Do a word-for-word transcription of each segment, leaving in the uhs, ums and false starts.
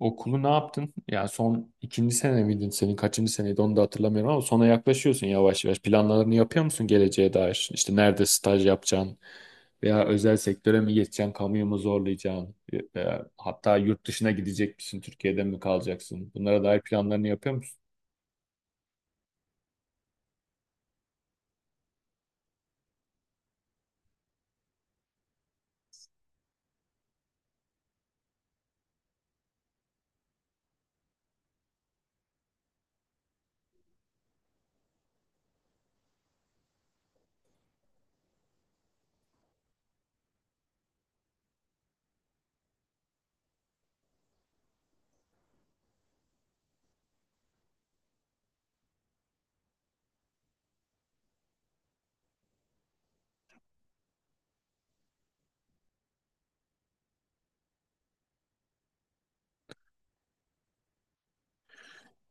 Okulu ne yaptın? Yani son ikinci sene miydin senin? Kaçıncı seneydi onu da hatırlamıyorum ama sona yaklaşıyorsun yavaş yavaş. Planlarını yapıyor musun geleceğe dair? İşte nerede staj yapacaksın veya özel sektöre mi geçeceksin, kamuyu mu zorlayacaksın? Veya hatta yurt dışına gidecek misin, Türkiye'de mi kalacaksın? Bunlara dair planlarını yapıyor musun?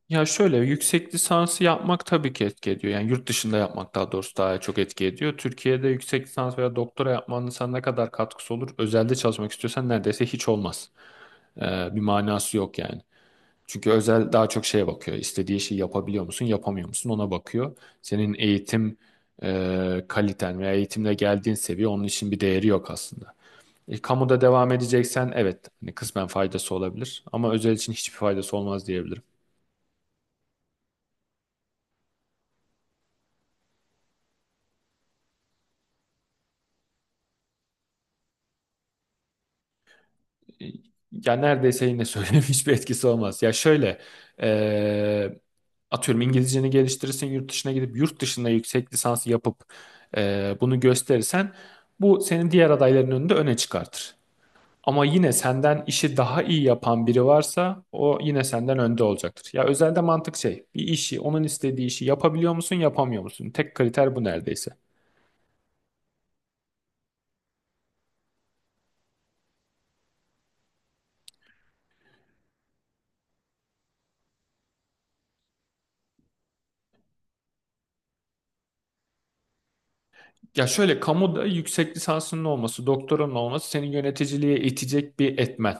Ya şöyle yüksek lisansı yapmak tabii ki etki ediyor. Yani yurt dışında yapmak daha doğrusu daha çok etki ediyor. Türkiye'de yüksek lisans veya doktora yapmanın sana ne kadar katkısı olur? Özelde çalışmak istiyorsan neredeyse hiç olmaz. Ee, bir manası yok yani. Çünkü özel daha çok şeye bakıyor. İstediği şeyi yapabiliyor musun, yapamıyor musun ona bakıyor. Senin eğitim e, kaliten veya eğitimle geldiğin seviye onun için bir değeri yok aslında. E, kamuda devam edeceksen evet hani kısmen faydası olabilir ama özel için hiçbir faydası olmaz diyebilirim. Ya neredeyse yine söyleyeyim hiçbir etkisi olmaz. Ya şöyle e, atıyorum İngilizceni geliştirirsin yurt dışına gidip yurt dışında yüksek lisans yapıp e, bunu gösterirsen bu senin diğer adayların önünde öne çıkartır. Ama yine senden işi daha iyi yapan biri varsa o yine senden önde olacaktır. Ya özelde mantık şey bir işi onun istediği işi yapabiliyor musun yapamıyor musun? Tek kriter bu neredeyse. Ya şöyle kamuda yüksek lisansının olması, doktoranın olması seni yöneticiliğe itecek bir etmen.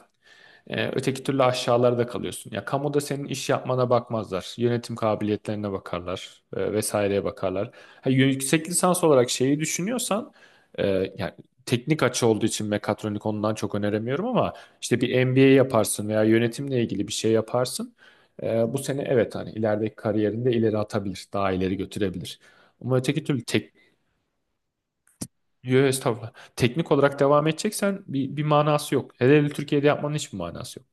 Ee, öteki türlü aşağılarda kalıyorsun. Ya kamuda senin iş yapmana bakmazlar. Yönetim kabiliyetlerine bakarlar. E, vesaireye bakarlar. Ha, yüksek lisans olarak şeyi düşünüyorsan e, yani teknik açı olduğu için mekatronik ondan çok öneremiyorum ama işte bir M B A yaparsın veya yönetimle ilgili bir şey yaparsın. E, bu seni evet hani ilerideki kariyerinde ileri atabilir. Daha ileri götürebilir. Ama öteki türlü tek, yo, estağfurullah. Teknik olarak devam edeceksen bir, bir manası yok. Hele hele Türkiye'de yapmanın hiçbir manası yok.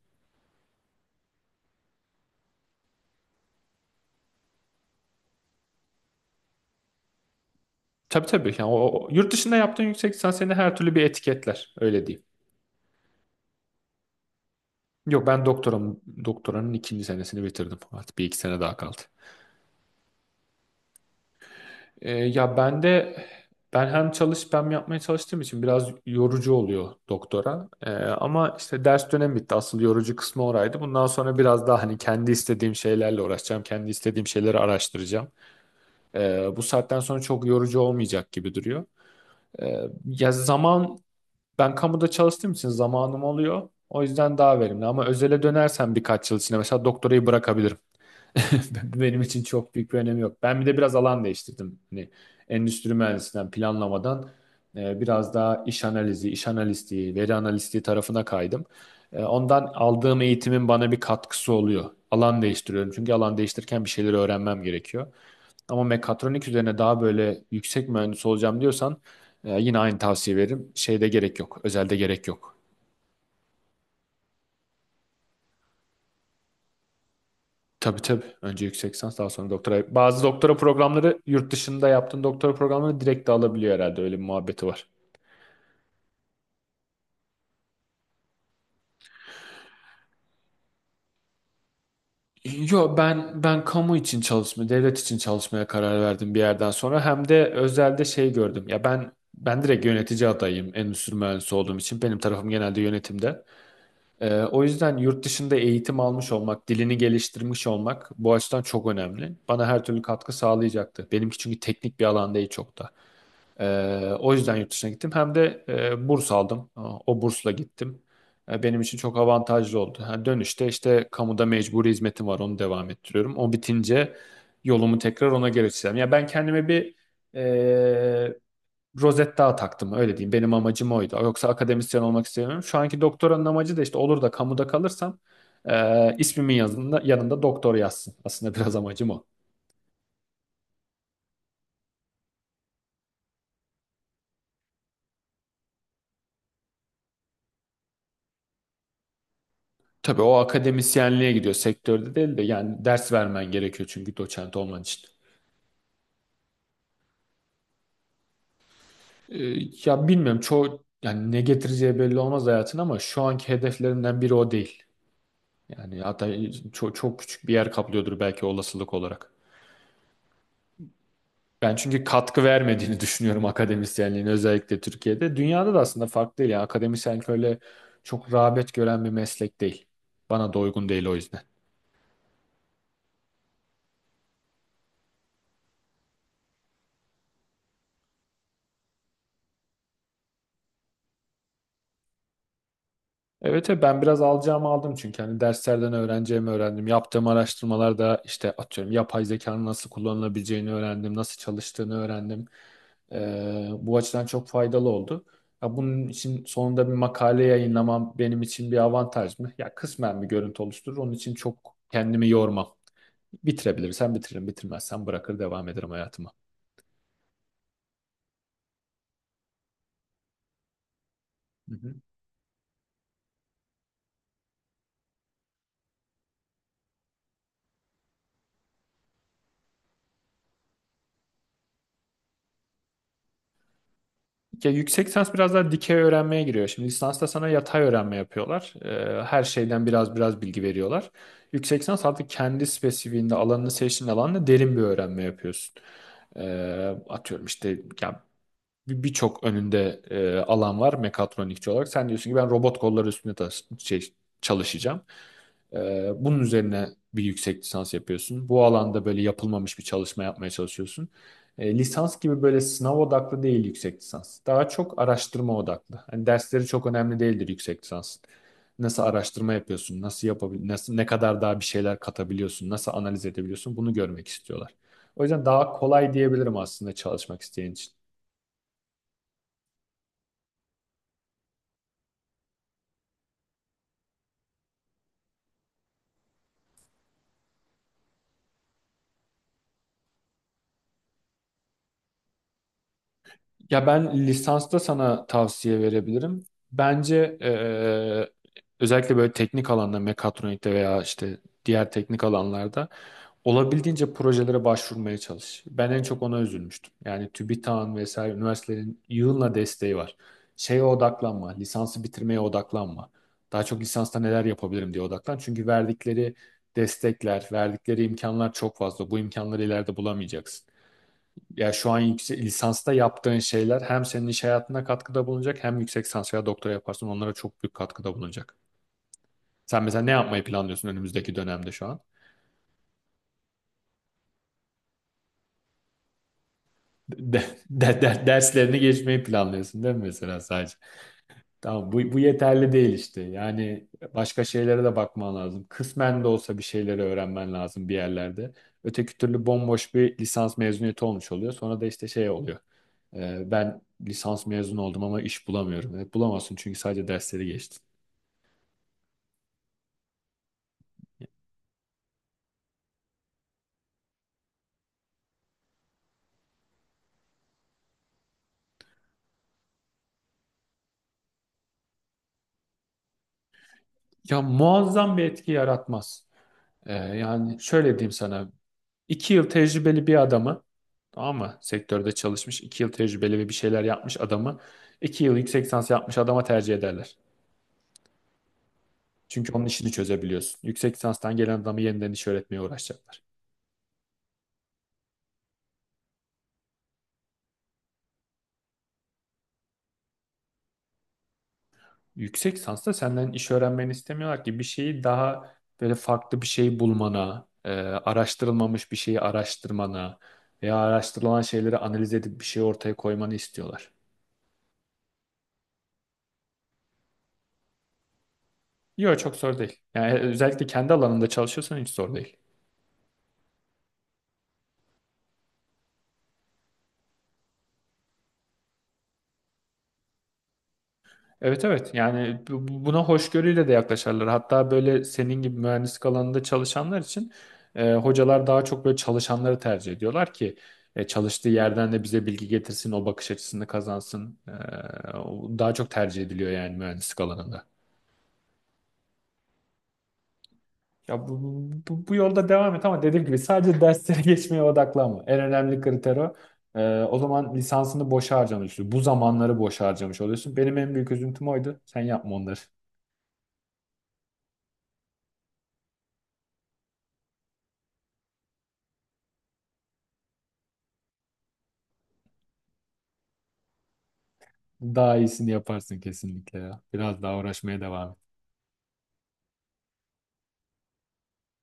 Tabii tabii. Yani o, o- yurt dışında yaptığın yüksek lisans seni her türlü bir etiketler. Öyle diyeyim. Yok ben doktoram, doktoranın ikinci senesini bitirdim. Artık bir iki sene daha kaldı. Ee, ya ben de Ben hem çalış hem yapmaya çalıştığım için biraz yorucu oluyor doktora. Ee, ama işte ders dönemi bitti. Asıl yorucu kısmı oraydı. Bundan sonra biraz daha hani kendi istediğim şeylerle uğraşacağım. Kendi istediğim şeyleri araştıracağım. Ee, bu saatten sonra çok yorucu olmayacak gibi duruyor. Ee, ya zaman Ben kamuda çalıştığım için zamanım oluyor. O yüzden daha verimli. Ama özele dönersem birkaç yıl içinde mesela doktorayı bırakabilirim. Benim için çok büyük bir önemi yok. Ben bir de biraz alan değiştirdim. Hani endüstri mühendisinden planlamadan e, biraz daha iş analizi, iş analisti, veri analisti tarafına kaydım. E, ondan aldığım eğitimin bana bir katkısı oluyor. Alan değiştiriyorum. Çünkü alan değiştirirken bir şeyleri öğrenmem gerekiyor. Ama mekatronik üzerine daha böyle yüksek mühendis olacağım diyorsan e, yine aynı tavsiye veririm. Şeyde gerek yok. Özelde gerek yok. Tabii tabii. Önce yüksek lisans daha sonra doktora. Bazı doktora programları yurt dışında yaptığın doktora programını direkt de alabiliyor herhalde. Öyle bir muhabbeti var. Yo ben ben kamu için çalışma, devlet için çalışmaya karar verdim bir yerden sonra. Hem de özelde şey gördüm. Ya ben ben direkt yönetici adayım endüstri mühendisi olduğum için. Benim tarafım genelde yönetimde. Ee, o yüzden yurt dışında eğitim almış olmak, dilini geliştirmiş olmak bu açıdan çok önemli. Bana her türlü katkı sağlayacaktı. Benimki çünkü teknik bir alan değil çok da. Ee, o yüzden yurt dışına gittim. Hem de e, burs aldım. O bursla gittim. E, benim için çok avantajlı oldu. Ha, dönüşte işte kamuda mecburi hizmetim var. Onu devam ettiriyorum. O bitince yolumu tekrar ona geliştireceğim. Ya ben kendime bir e, rozet daha taktım öyle diyeyim. Benim amacım oydu. Yoksa akademisyen olmak istemiyorum. Şu anki doktoranın amacı da işte olur da kamuda kalırsam e, ismimin yanında, yanında doktor yazsın. Aslında biraz amacım o. Tabii o akademisyenliğe gidiyor sektörde değil de yani ders vermen gerekiyor çünkü doçent olman için. E, Ya bilmiyorum çoğu yani ne getireceği belli olmaz hayatın ama şu anki hedeflerimden biri o değil. Yani hatta çok, çok küçük bir yer kaplıyordur belki olasılık olarak. Ben çünkü katkı vermediğini düşünüyorum akademisyenliğin özellikle Türkiye'de. Dünyada da aslında farklı değil. Yani akademisyenlik öyle çok rağbet gören bir meslek değil. Bana da uygun değil o yüzden. Evet evet, ben biraz alacağımı aldım çünkü hani derslerden öğreneceğimi öğrendim. Yaptığım araştırmalarda işte atıyorum yapay zekanın nasıl kullanılabileceğini öğrendim, nasıl çalıştığını öğrendim. Ee, bu açıdan çok faydalı oldu. Ya bunun için sonunda bir makale yayınlamam benim için bir avantaj mı? Ya kısmen bir görüntü oluşturur. Onun için çok kendimi yormam. Bitirebilirsem bitiririm, bitirmezsem bırakır devam ederim hayatıma. Hı hı. Ya yüksek lisans biraz daha dikey öğrenmeye giriyor. Şimdi lisansta sana yatay öğrenme yapıyorlar. Ee, her şeyden biraz biraz bilgi veriyorlar. Yüksek lisans artık kendi spesifiğinde alanını seçtiğin alanla derin bir öğrenme yapıyorsun. Ee, atıyorum işte ya bir- Birçok önünde e, alan var mekatronikçi olarak. Sen diyorsun ki ben robot kolları üstünde tas- şey, çalışacağım. Ee, bunun üzerine bir yüksek lisans yapıyorsun. Bu alanda böyle yapılmamış bir çalışma yapmaya çalışıyorsun. Ee, lisans gibi böyle sınav odaklı değil yüksek lisans. Daha çok araştırma odaklı. Hani dersleri çok önemli değildir yüksek lisans. Nasıl araştırma yapıyorsun? Nasıl yapabil nasıl ne kadar daha bir şeyler katabiliyorsun? Nasıl analiz edebiliyorsun? Bunu görmek istiyorlar. O yüzden daha kolay diyebilirim aslında çalışmak isteyen için. Ya ben lisansta sana tavsiye verebilirim. Bence eee, özellikle böyle teknik alanda mekatronikte veya işte diğer teknik alanlarda olabildiğince projelere başvurmaya çalış. Ben en çok ona üzülmüştüm. Yani TÜBİTAK'ın vesaire üniversitelerin yığınla desteği var. Şeye odaklanma, lisansı bitirmeye odaklanma. Daha çok lisansta neler yapabilirim diye odaklan. Çünkü verdikleri destekler, verdikleri imkanlar çok fazla. Bu imkanları ileride bulamayacaksın. Ya şu an yüksek, lisansta yaptığın şeyler hem senin iş hayatına katkıda bulunacak hem yüksek lisans veya doktora yaparsın onlara çok büyük katkıda bulunacak. Sen mesela ne yapmayı planlıyorsun önümüzdeki dönemde şu an? De, de- de- Derslerini geçmeyi planlıyorsun değil mi mesela sadece? Tamam, bu, bu yeterli değil işte. Yani başka şeylere de bakman lazım. Kısmen de olsa bir şeyleri öğrenmen lazım bir yerlerde. Öteki türlü bomboş bir lisans mezuniyeti olmuş oluyor. Sonra da işte şey oluyor. Ee, ben lisans mezunu oldum ama iş bulamıyorum. Evet, bulamazsın çünkü sadece dersleri geçtin. Ya muazzam bir etki yaratmaz. Ee, yani şöyle diyeyim sana. İki yıl tecrübeli bir adamı tamam mı? Sektörde çalışmış, iki yıl tecrübeli ve bir şeyler yapmış adamı, iki yıl yüksek lisans yapmış adama tercih ederler. Çünkü onun işini çözebiliyorsun. Yüksek lisanstan gelen adamı yeniden iş öğretmeye uğraşacaklar. Yüksek lisansta senden iş öğrenmeni istemiyorlar ki bir şeyi daha böyle farklı bir şey bulmana, e, araştırılmamış bir şeyi araştırmana veya araştırılan şeyleri analiz edip bir şey ortaya koymanı istiyorlar. Yok çok zor değil. Yani e, özellikle kendi alanında çalışıyorsan hiç zor değil. Evet evet yani bu- bu- buna hoşgörüyle de yaklaşarlar. Hatta böyle senin gibi mühendislik alanında çalışanlar için e, hocalar daha çok böyle çalışanları tercih ediyorlar ki e, çalıştığı yerden de bize bilgi getirsin, o bakış açısını kazansın. E, o daha çok tercih ediliyor yani mühendislik alanında. Ya bu, bu, bu- yolda devam et ama dediğim gibi sadece derslere geçmeye odaklanma. En önemli kriter o. E, o zaman lisansını boşa harcamış, bu zamanları boşa harcamış oluyorsun. Benim en büyük üzüntüm oydu. Sen yapma onları. Daha iyisini yaparsın kesinlikle ya. Biraz daha uğraşmaya devam et.